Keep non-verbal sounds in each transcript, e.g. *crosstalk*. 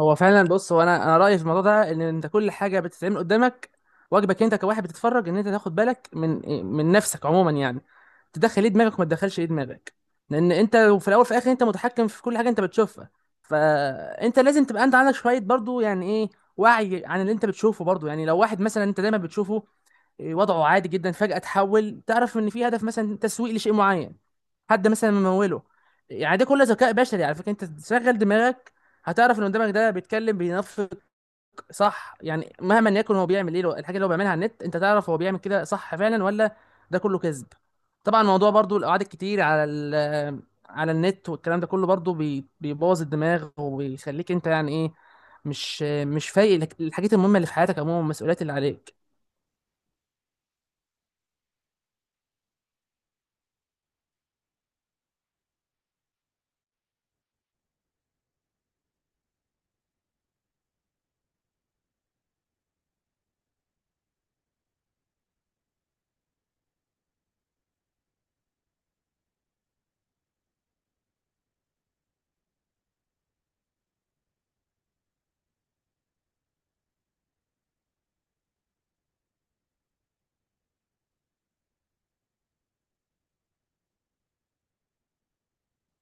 هو فعلا، بص، هو انا رايي في الموضوع ده ان انت كل حاجه بتتعمل قدامك، واجبك انت كواحد بتتفرج ان انت تاخد بالك من نفسك عموما، يعني تدخل ايه دماغك وما تدخلش ايه دماغك، لان انت في الاول وفي الاخر انت متحكم في كل حاجه انت بتشوفها. فانت لازم تبقى انت عندك شويه برضو، يعني ايه، وعي عن اللي انت بتشوفه برضو. يعني لو واحد مثلا انت دايما بتشوفه وضعه عادي جدا، فجأة تحول، تعرف ان في هدف مثلا تسويق لشيء معين، حد مثلا مموله. يعني ده كله ذكاء بشري على فكرة. انت تشغل دماغك هتعرف ان قدامك ده بيتكلم بينفق، صح؟ يعني مهما يكن هو بيعمل ايه، الحاجة اللي هو بيعملها على النت انت تعرف هو بيعمل كده صح فعلا ولا ده كله كذب. طبعا الموضوع برضو القعاد الكتير على على النت والكلام ده كله برضو بيبوظ الدماغ وبيخليك انت يعني ايه، مش فايق الحاجات المهمة اللي في حياتك عموما والمسؤوليات اللي عليك.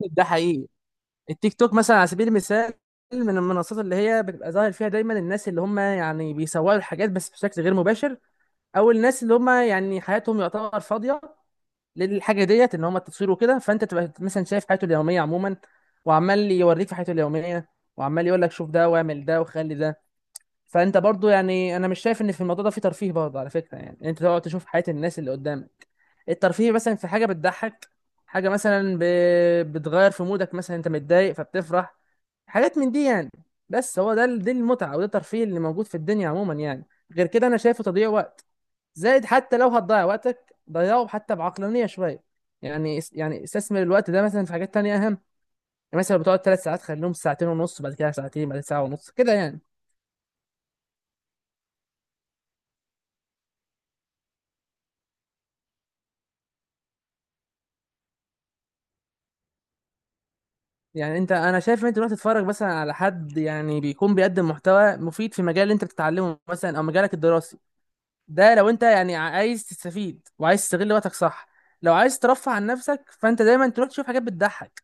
*laughs* ده حقيقي. التيك توك مثلا على سبيل المثال، من المنصات اللي هي بتبقى ظاهر فيها دايما الناس اللي هم يعني بيسوقوا الحاجات بس بشكل غير مباشر، او الناس اللي هم يعني حياتهم يعتبر فاضيه للحاجه ديت ان هم التصوير وكده. فانت تبقى مثلا شايف حياته اليوميه عموما، وعمال يوريك في حياته اليوميه، وعمال يقول لك شوف ده واعمل ده وخلي ده. فانت برضو، يعني انا مش شايف ان في الموضوع ده في ترفيه برضه، على فكره. يعني انت تقعد تشوف حياه الناس اللي قدامك. الترفيه مثلا في حاجه بتضحك، حاجه مثلا بتغير في مودك، مثلا انت متضايق فبتفرح، حاجات من دي يعني. بس هو ده دي المتعه وده الترفيه اللي موجود في الدنيا عموما يعني. غير كده انا شايفه تضييع وقت. زائد، حتى لو هتضيع وقتك ضيعه حتى بعقلانيه شويه. يعني يعني استثمر الوقت ده مثلا في حاجات تانية اهم. يعني مثلا لو بتقعد ثلاث ساعات خليهم ساعتين ونص، بعد كده ساعتين، بعد كده ساعه ونص كده يعني. يعني انت، انا شايف ان انت تروح تتفرج مثلا على حد يعني بيكون بيقدم محتوى مفيد في مجال اللي انت بتتعلمه مثلا او مجالك الدراسي. ده لو انت يعني عايز تستفيد وعايز تستغل وقتك صح. لو عايز ترفه عن نفسك فانت دايما تروح تشوف حاجات بتضحك،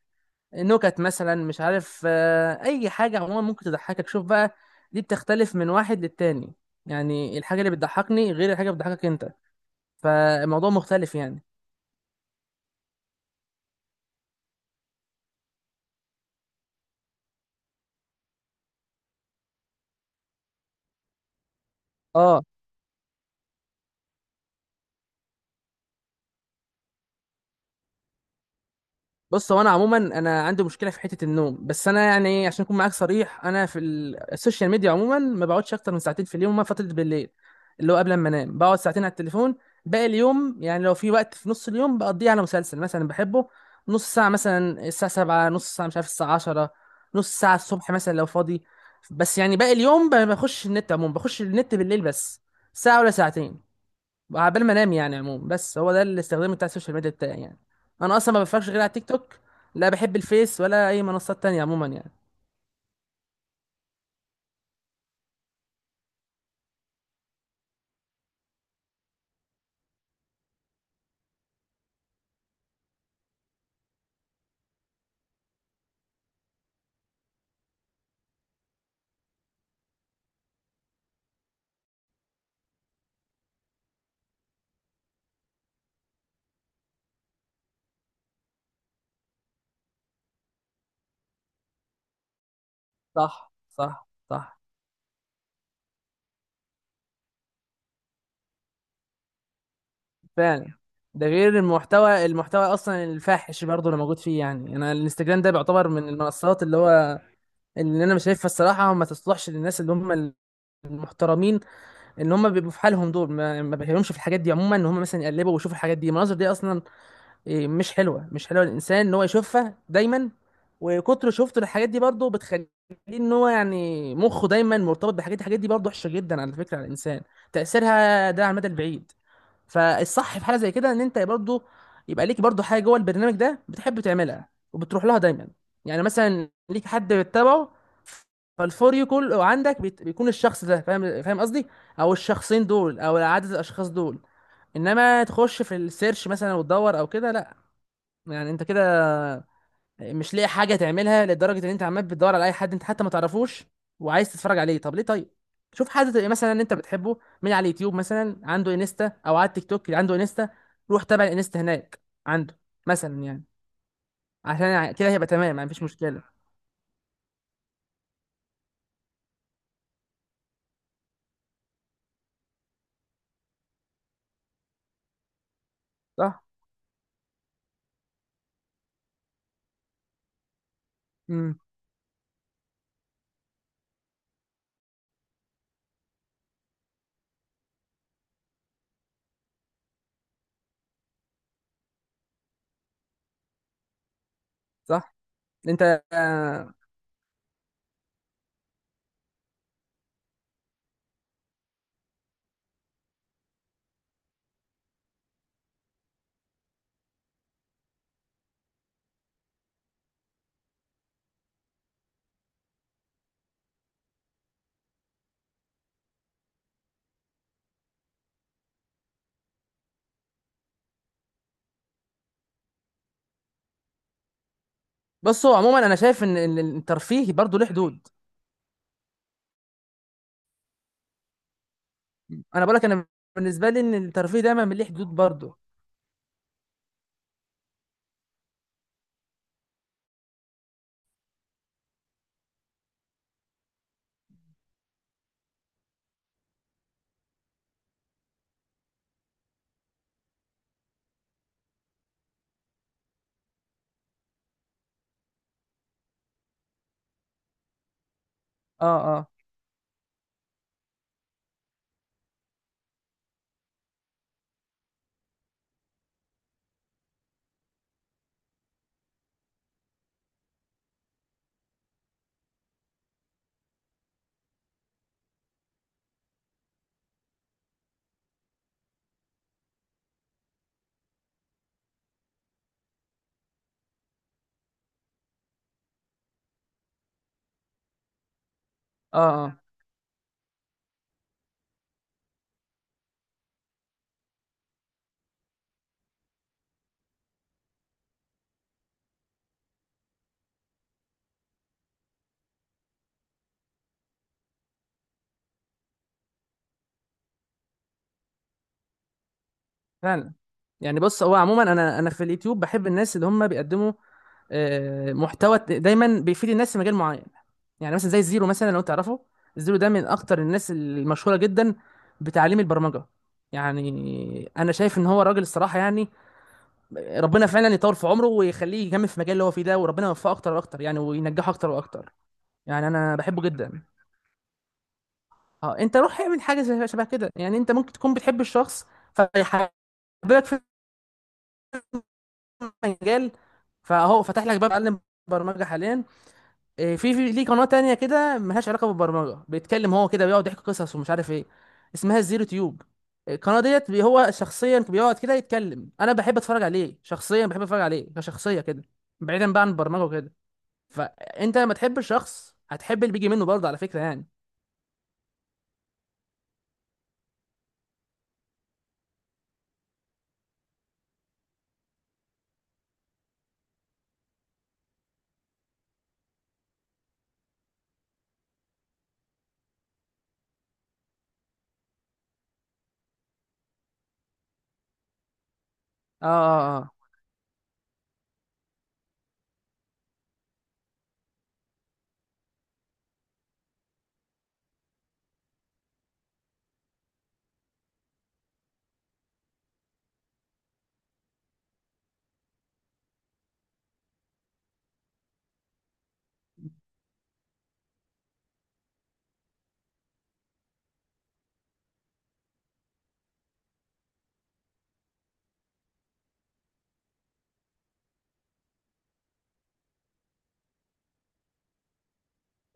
نكت مثلا، مش عارف، اي حاجه عموما ممكن تضحكك. شوف بقى، دي بتختلف من واحد للتاني. يعني الحاجه اللي بتضحكني غير الحاجه اللي بتضحكك انت. فالموضوع مختلف يعني. اه. بص، هو انا عموما انا عندي مشكله في حته النوم، بس انا يعني عشان اكون معاك صريح، انا في السوشيال ميديا عموما ما بقعدش اكتر من ساعتين في اليوم، ما فتره بالليل اللي هو قبل ما انام بقعد ساعتين على التليفون. باقي اليوم يعني لو في وقت في نص اليوم بقضيه على مسلسل مثلا بحبه، نص ساعه مثلا الساعه 7، نص ساعه مش عارف الساعه 10، نص ساعه الصبح مثلا لو فاضي. بس يعني باقي اليوم بخش النت عموما، بخش النت بالليل بس، ساعه ولا ساعتين عبال ما انام يعني. عموما بس هو ده الاستخدام بتاع السوشيال ميديا بتاعي يعني. انا اصلا ما بفرجش غير على تيك توك، لا بحب الفيس ولا اي منصات تانية عموما يعني. صح، صح، صح. فعلا. ده غير المحتوى، المحتوى اصلا الفاحش برضه اللي موجود فيه. يعني انا الانستجرام ده بيعتبر من المنصات اللي هو اللي انا مش شايفها الصراحه ما تصلحش للناس اللي هم المحترمين، اللي هم بيبقوا في حالهم دول، ما بيهمهمش في الحاجات دي عموما ان هم مثلا يقلبوا ويشوفوا الحاجات دي، المناظر دي اصلا مش حلوه، مش حلوه للانسان ان هو يشوفها دايما. وكتر شفته الحاجات دي برضه بتخليه ان هو يعني مخه دايما مرتبط بحاجات، الحاجات دي برضه وحشه جدا على فكره على الانسان، تاثيرها ده على المدى البعيد. فالصح في حاله زي كده ان انت برضه يبقى ليك برضه حاجه جوه البرنامج ده بتحب تعملها وبتروح لها دايما. يعني مثلا ليك حد بتتابعه، فالفور يو كله عندك بيكون الشخص ده، فاهم فاهم قصدي، او الشخصين دول او عدد الاشخاص دول. انما تخش في السيرش مثلا وتدور او كده، لا. يعني انت كده مش لاقي حاجه تعملها لدرجه ان انت عمال بتدور على اي حد انت حتى ما تعرفوش وعايز تتفرج عليه؟ طب ليه؟ طيب شوف حد تبقى مثلا انت بتحبه من على اليوتيوب مثلا عنده انستا، او على التيك توك اللي عنده انستا، روح تابع الانستا هناك عنده مثلا يعني. عشان كده هيبقى تمام يعني، مفيش مشكله. صح. امم. صح. انت بصوا عموما انا شايف ان الترفيه برضه له حدود. انا بقول لك، انا بالنسبه لي ان الترفيه دايما ليه حدود برضه. اه، اه، اه. آه. فعلا. يعني بص، هو عموما انا في اليوتيوب بحب الناس اللي هم بيقدموا محتوى دايما بيفيد الناس في مجال معين. يعني مثلا زي الزيرو مثلا لو تعرفه. الزيرو ده من اكتر الناس المشهوره جدا بتعليم البرمجه. يعني انا شايف ان هو راجل الصراحه، يعني ربنا فعلا يطول في عمره ويخليه يكمل في المجال اللي هو فيه ده، وربنا يوفقه اكتر واكتر يعني وينجحه اكتر واكتر. يعني انا بحبه جدا. اه، انت روح اعمل حاجه شبه كده. يعني انت ممكن تكون بتحب الشخص فيحببك في مجال، فهو فتح لك باب اتعلم برمجه حاليا. في ليه قناه تانية كده ملهاش علاقه بالبرمجه، بيتكلم هو كده بيقعد يحكي قصص ومش عارف ايه، اسمها الزيرو تيوب. القناه ديت هو شخصيا بيقعد كده يتكلم، انا بحب اتفرج عليه شخصيا، بحب اتفرج عليه كشخصيه كده، بعيدا بقى عن البرمجه وكده. فانت لما تحب الشخص هتحب اللي بيجي منه برضه، على فكره يعني. اه، اه، اه.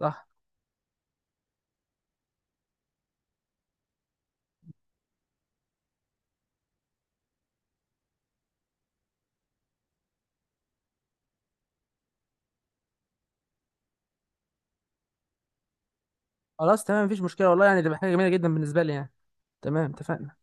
صح. خلاص، تمام، مفيش مشكله والله. يعني دي حاجه جميله جدا بالنسبه لي يعني. تمام، اتفقنا.